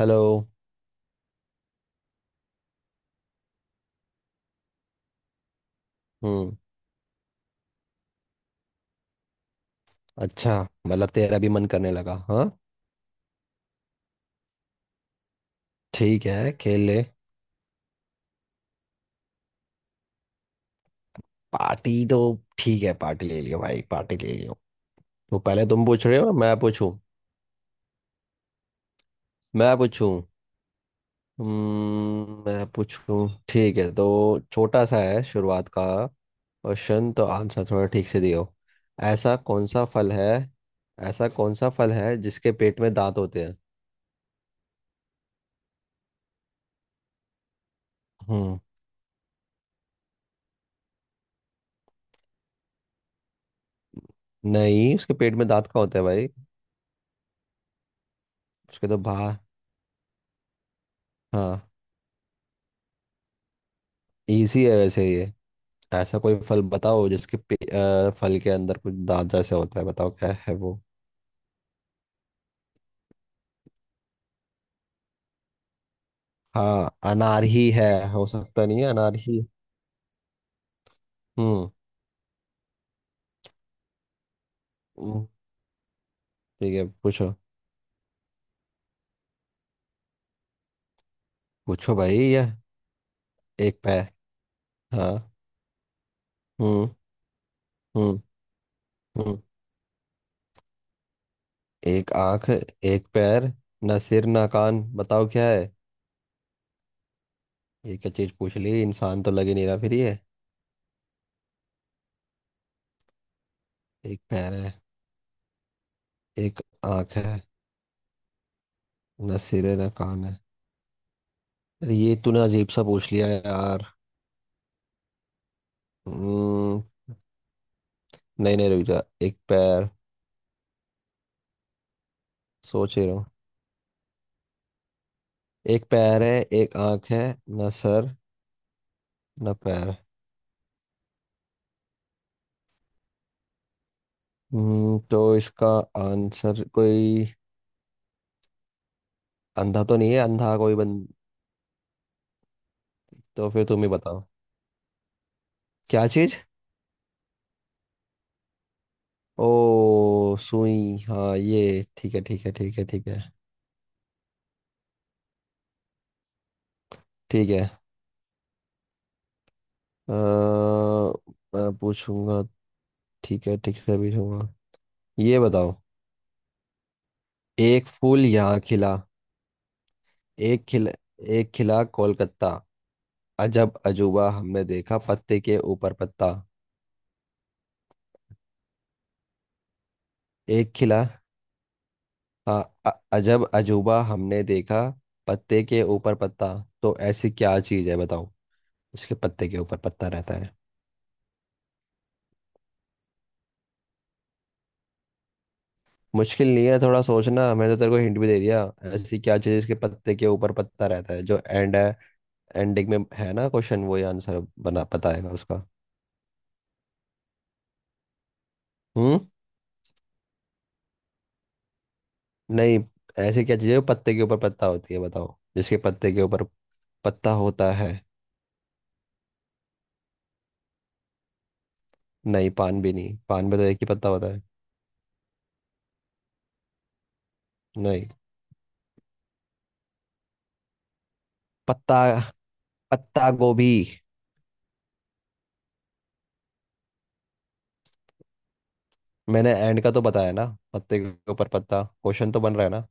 Hello. हम्म। अच्छा। मतलब तेरा भी मन करने लगा हाँ। ठीक है, खेल ले। पार्टी तो ठीक है, पार्टी ले लियो भाई, पार्टी ले लियो। तो पहले तुम पूछ रहे हो, मैं पूछूं? मैं पूछूं? हम्म, मैं पूछूं। ठीक है, तो छोटा सा है शुरुआत का क्वेश्चन, तो आंसर थोड़ा ठीक से दियो। ऐसा कौन सा फल है? ऐसा कौन सा फल है जिसके पेट में दांत होते हैं? हम्म। नहीं, उसके पेट में दांत कहाँ होते हैं भाई। उसके तो बाहर। हाँ। इजी है वैसे ये। ऐसा कोई फल बताओ फल के अंदर कुछ दाग जैसे होता है, बताओ क्या है वो। हाँ, अनार ही है। हो सकता नहीं है, अनार ही। हम्म। हम्म, ठीक है, पूछो। पूछो भाई, ये। एक पैर। हाँ। हम्म। हम्म। हम्म। एक आंख, एक पैर, ना सिर, ना कान, बताओ क्या है? ये क्या चीज पूछ ली, इंसान तो लग ही नहीं रहा फिर ये। एक पैर है, एक आंख है, ना सिर है, ना कान है। अरे ये तूने अजीब सा पूछ लिया है यार। हम्म। नहीं, नहीं, रुक जा। एक पैर। सोच ही रहा हूँ। एक पैर है, एक आंख है, ना सर, ना पैर। तो इसका आंसर कोई अंधा तो नहीं है? अंधा कोई बंद। तो फिर तुम ही बताओ, क्या चीज? ओ, सुई। हाँ, ये ठीक है, ठीक है, ठीक है, ठीक है, ठीक है। अ, मैं पूछूंगा। ठीक है, ठीक से पूछूंगा। ये बताओ। एक फूल यहाँ खिला, एक खिला, एक खिला कोलकाता, अजब अजूबा हमने देखा, पत्ते के ऊपर पत्ता। एक खिला। हाँ, अजब अजूबा हमने देखा, पत्ते के ऊपर पत्ता। तो ऐसी क्या चीज है बताओ, उसके पत्ते के ऊपर पत्ता रहता है। मुश्किल नहीं है, थोड़ा सोचना, मैंने तो तेरे को हिंट भी दे दिया। ऐसी क्या चीज है इसके पत्ते के ऊपर पत्ता रहता है, जो एंड है, एंडिंग में है ना क्वेश्चन, वो ही आंसर बना बताएगा उसका। हम्म। नहीं। ऐसी क्या चीज है जो पत्ते के ऊपर पत्ता होती है, बताओ, जिसके पत्ते के ऊपर पत्ता होता है। नहीं, पान भी नहीं, पान में तो एक ही पत्ता होता है। नहीं। पत्ता, पत्ता गोभी। मैंने एंड का तो बताया ना, पत्ते के ऊपर पत्ता, क्वेश्चन तो बन रहा है ना।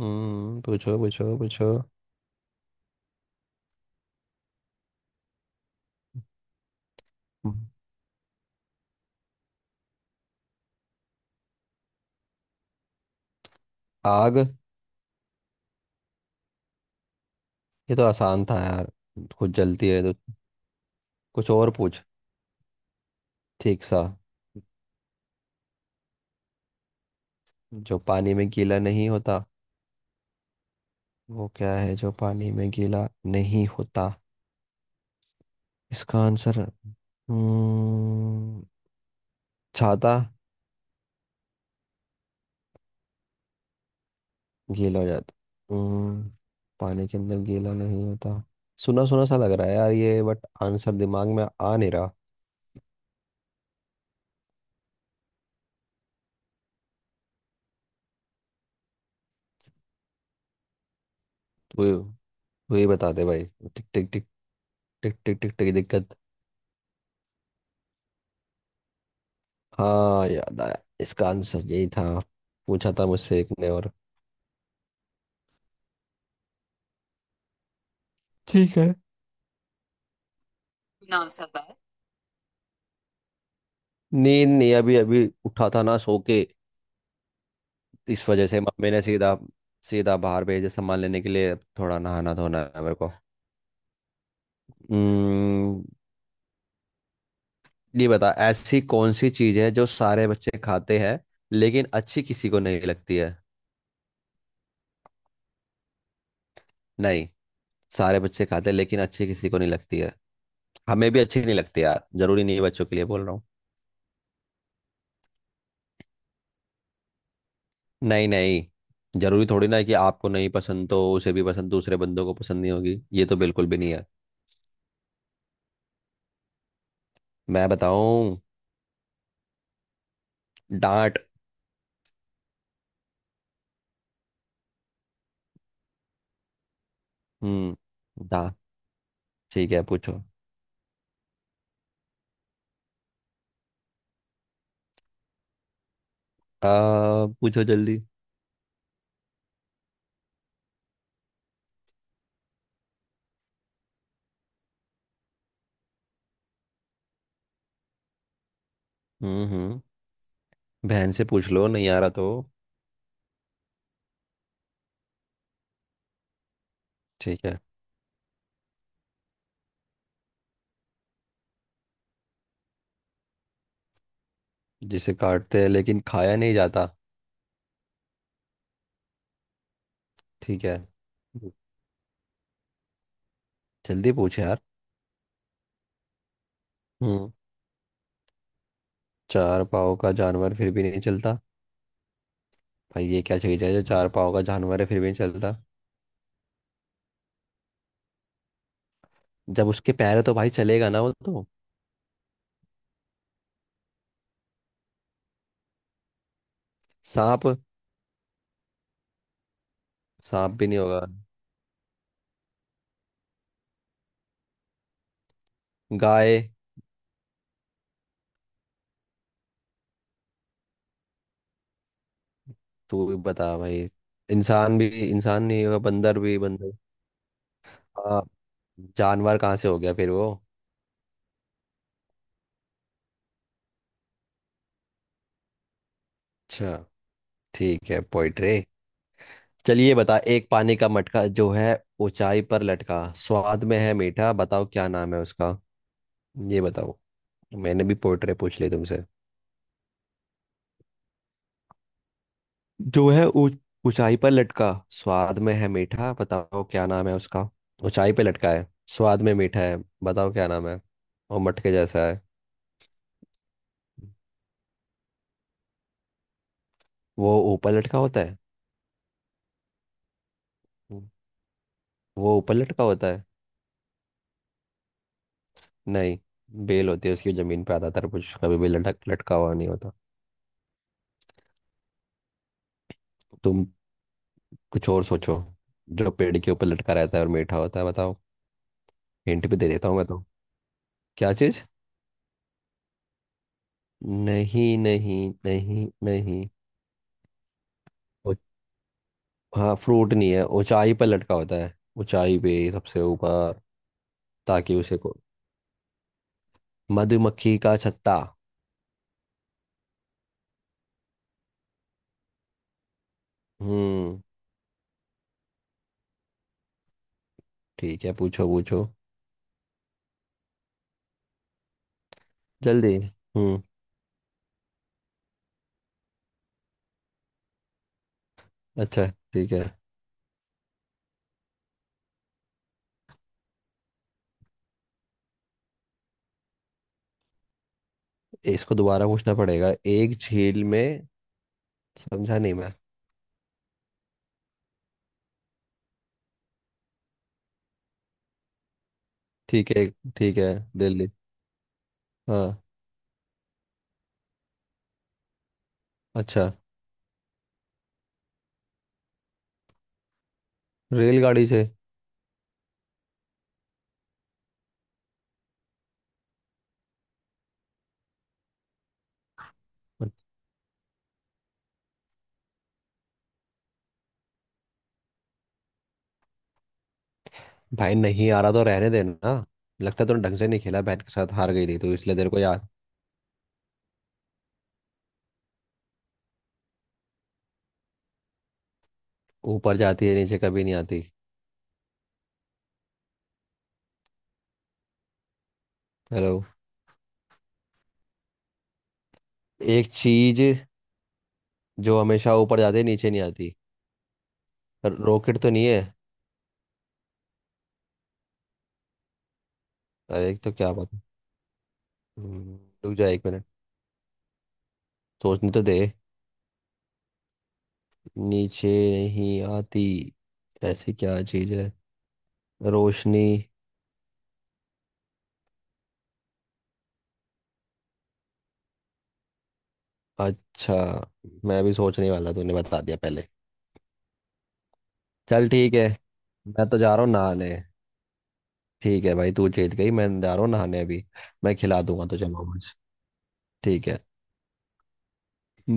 पूछो, पूछो, पूछो। आग। ये तो आसान था यार। कुछ जलती है तो, कुछ और पूछ ठीक सा। जो पानी में गीला नहीं होता, वो क्या है जो पानी में गीला नहीं होता? इसका आंसर छाता। गीला हो जाता, हम्म पानी के अंदर गीला नहीं होता। सुना सुना सा लग रहा है यार ये, बट आंसर दिमाग में आ नहीं रहा। तो वही बताते भाई। टिक टिक टिक टिक टिक टिक टिक दिक्कत। हाँ, याद आया। इसका आंसर यही था, पूछा था मुझसे एक ने और। ठीक है। नींद नहीं, अभी अभी उठा था ना सो के। इस वजह से मम्मी ने सीधा सीधा बाहर भेजे सामान लेने के लिए, अब थोड़ा नहाना धोना है मेरे को। हम्म, ये बता, ऐसी कौन सी चीज है जो सारे बच्चे खाते हैं लेकिन अच्छी किसी को नहीं लगती है? नहीं। सारे बच्चे खाते हैं लेकिन अच्छी किसी को नहीं लगती है। हमें भी अच्छी नहीं लगती यार, जरूरी नहीं है बच्चों के लिए बोल रहा हूँ। नहीं, नहीं, जरूरी थोड़ी ना है कि आपको नहीं पसंद तो उसे भी पसंद, दूसरे बंदों को पसंद नहीं होगी, ये तो बिल्कुल भी नहीं है। मैं बताऊं? डांट। हम्म, डांट। ठीक है, पूछो। आ, पूछो जल्दी। हम्म, हम्म। बहन से पूछ लो, नहीं आ रहा तो। ठीक है। जिसे काटते हैं लेकिन खाया नहीं जाता। ठीक है। जल्दी पूछ यार। हम्म चार पाँव का जानवर फिर भी नहीं चलता। भाई ये क्या चीज है जो चार पाँव का जानवर है, फिर भी नहीं चलता? जब उसके पैर है तो भाई चलेगा ना वो तो। सांप। सांप भी नहीं होगा। गाय। तू भी बता भाई। इंसान भी, इंसान नहीं होगा, बंदर भी, बंदर। हाँ। जानवर कहाँ से हो गया फिर वो? अच्छा, ठीक है, पोइट्री। चलिए, बता, एक पानी का मटका जो है ऊंचाई पर लटका, स्वाद में है मीठा, बताओ क्या नाम है उसका। ये बताओ, मैंने भी पोइट्री पूछ ली तुमसे। जो है ऊंचाई पर लटका, स्वाद में है मीठा, बताओ क्या नाम है उसका। ऊंचाई पे लटका है, स्वाद में मीठा है, बताओ क्या नाम है। और मटके जैसा है। वो ऊपर लटका होता है। वो ऊपर लटका होता है। नहीं, बेल होती है उसकी, जमीन पे आता तरबूज, कभी भी लटक लटका हुआ नहीं होता। तुम कुछ और सोचो, जो पेड़ के ऊपर लटका रहता है और मीठा होता है, बताओ। हिंट भी दे देता हूँ मैं तो। क्या चीज? नहीं, नहीं, नहीं, नहीं। वो- हाँ, फ्रूट नहीं है, ऊंचाई पर लटका होता है, ऊंचाई पे सबसे ऊपर। ताकि उसे को, मधुमक्खी का छत्ता। हम्म। ठीक है, पूछो, पूछो जल्दी। हम्म। अच्छा। ठीक है। इसको दोबारा पूछना पड़ेगा, एक झील में समझा नहीं मैं। ठीक है। ठीक है, दिल्ली, हाँ। अच्छा। रेलगाड़ी से। भाई, नहीं आ रहा तो रहने देना। लगता है तूने ढंग से नहीं खेला बहन के साथ, हार गई थी तो इसलिए तेरे को याद। ऊपर जाती है नीचे कभी नहीं आती। हेलो। एक चीज जो हमेशा ऊपर जाती है, नीचे नहीं आती। रॉकेट तो नहीं है? अरे, तो क्या बात है। हम्म, रुक जा एक मिनट, सोचने तो दे। नीचे नहीं आती, ऐसी क्या चीज है? रोशनी। अच्छा, मैं भी सोचने वाला, तूने बता दिया पहले। चल ठीक है, मैं तो जा रहा हूँ नहाने। ठीक है भाई, तू जीत गई, मैं जा रहा हूँ नहाने अभी। मैं खिला दूंगा तुझे मोमोज। ठीक है।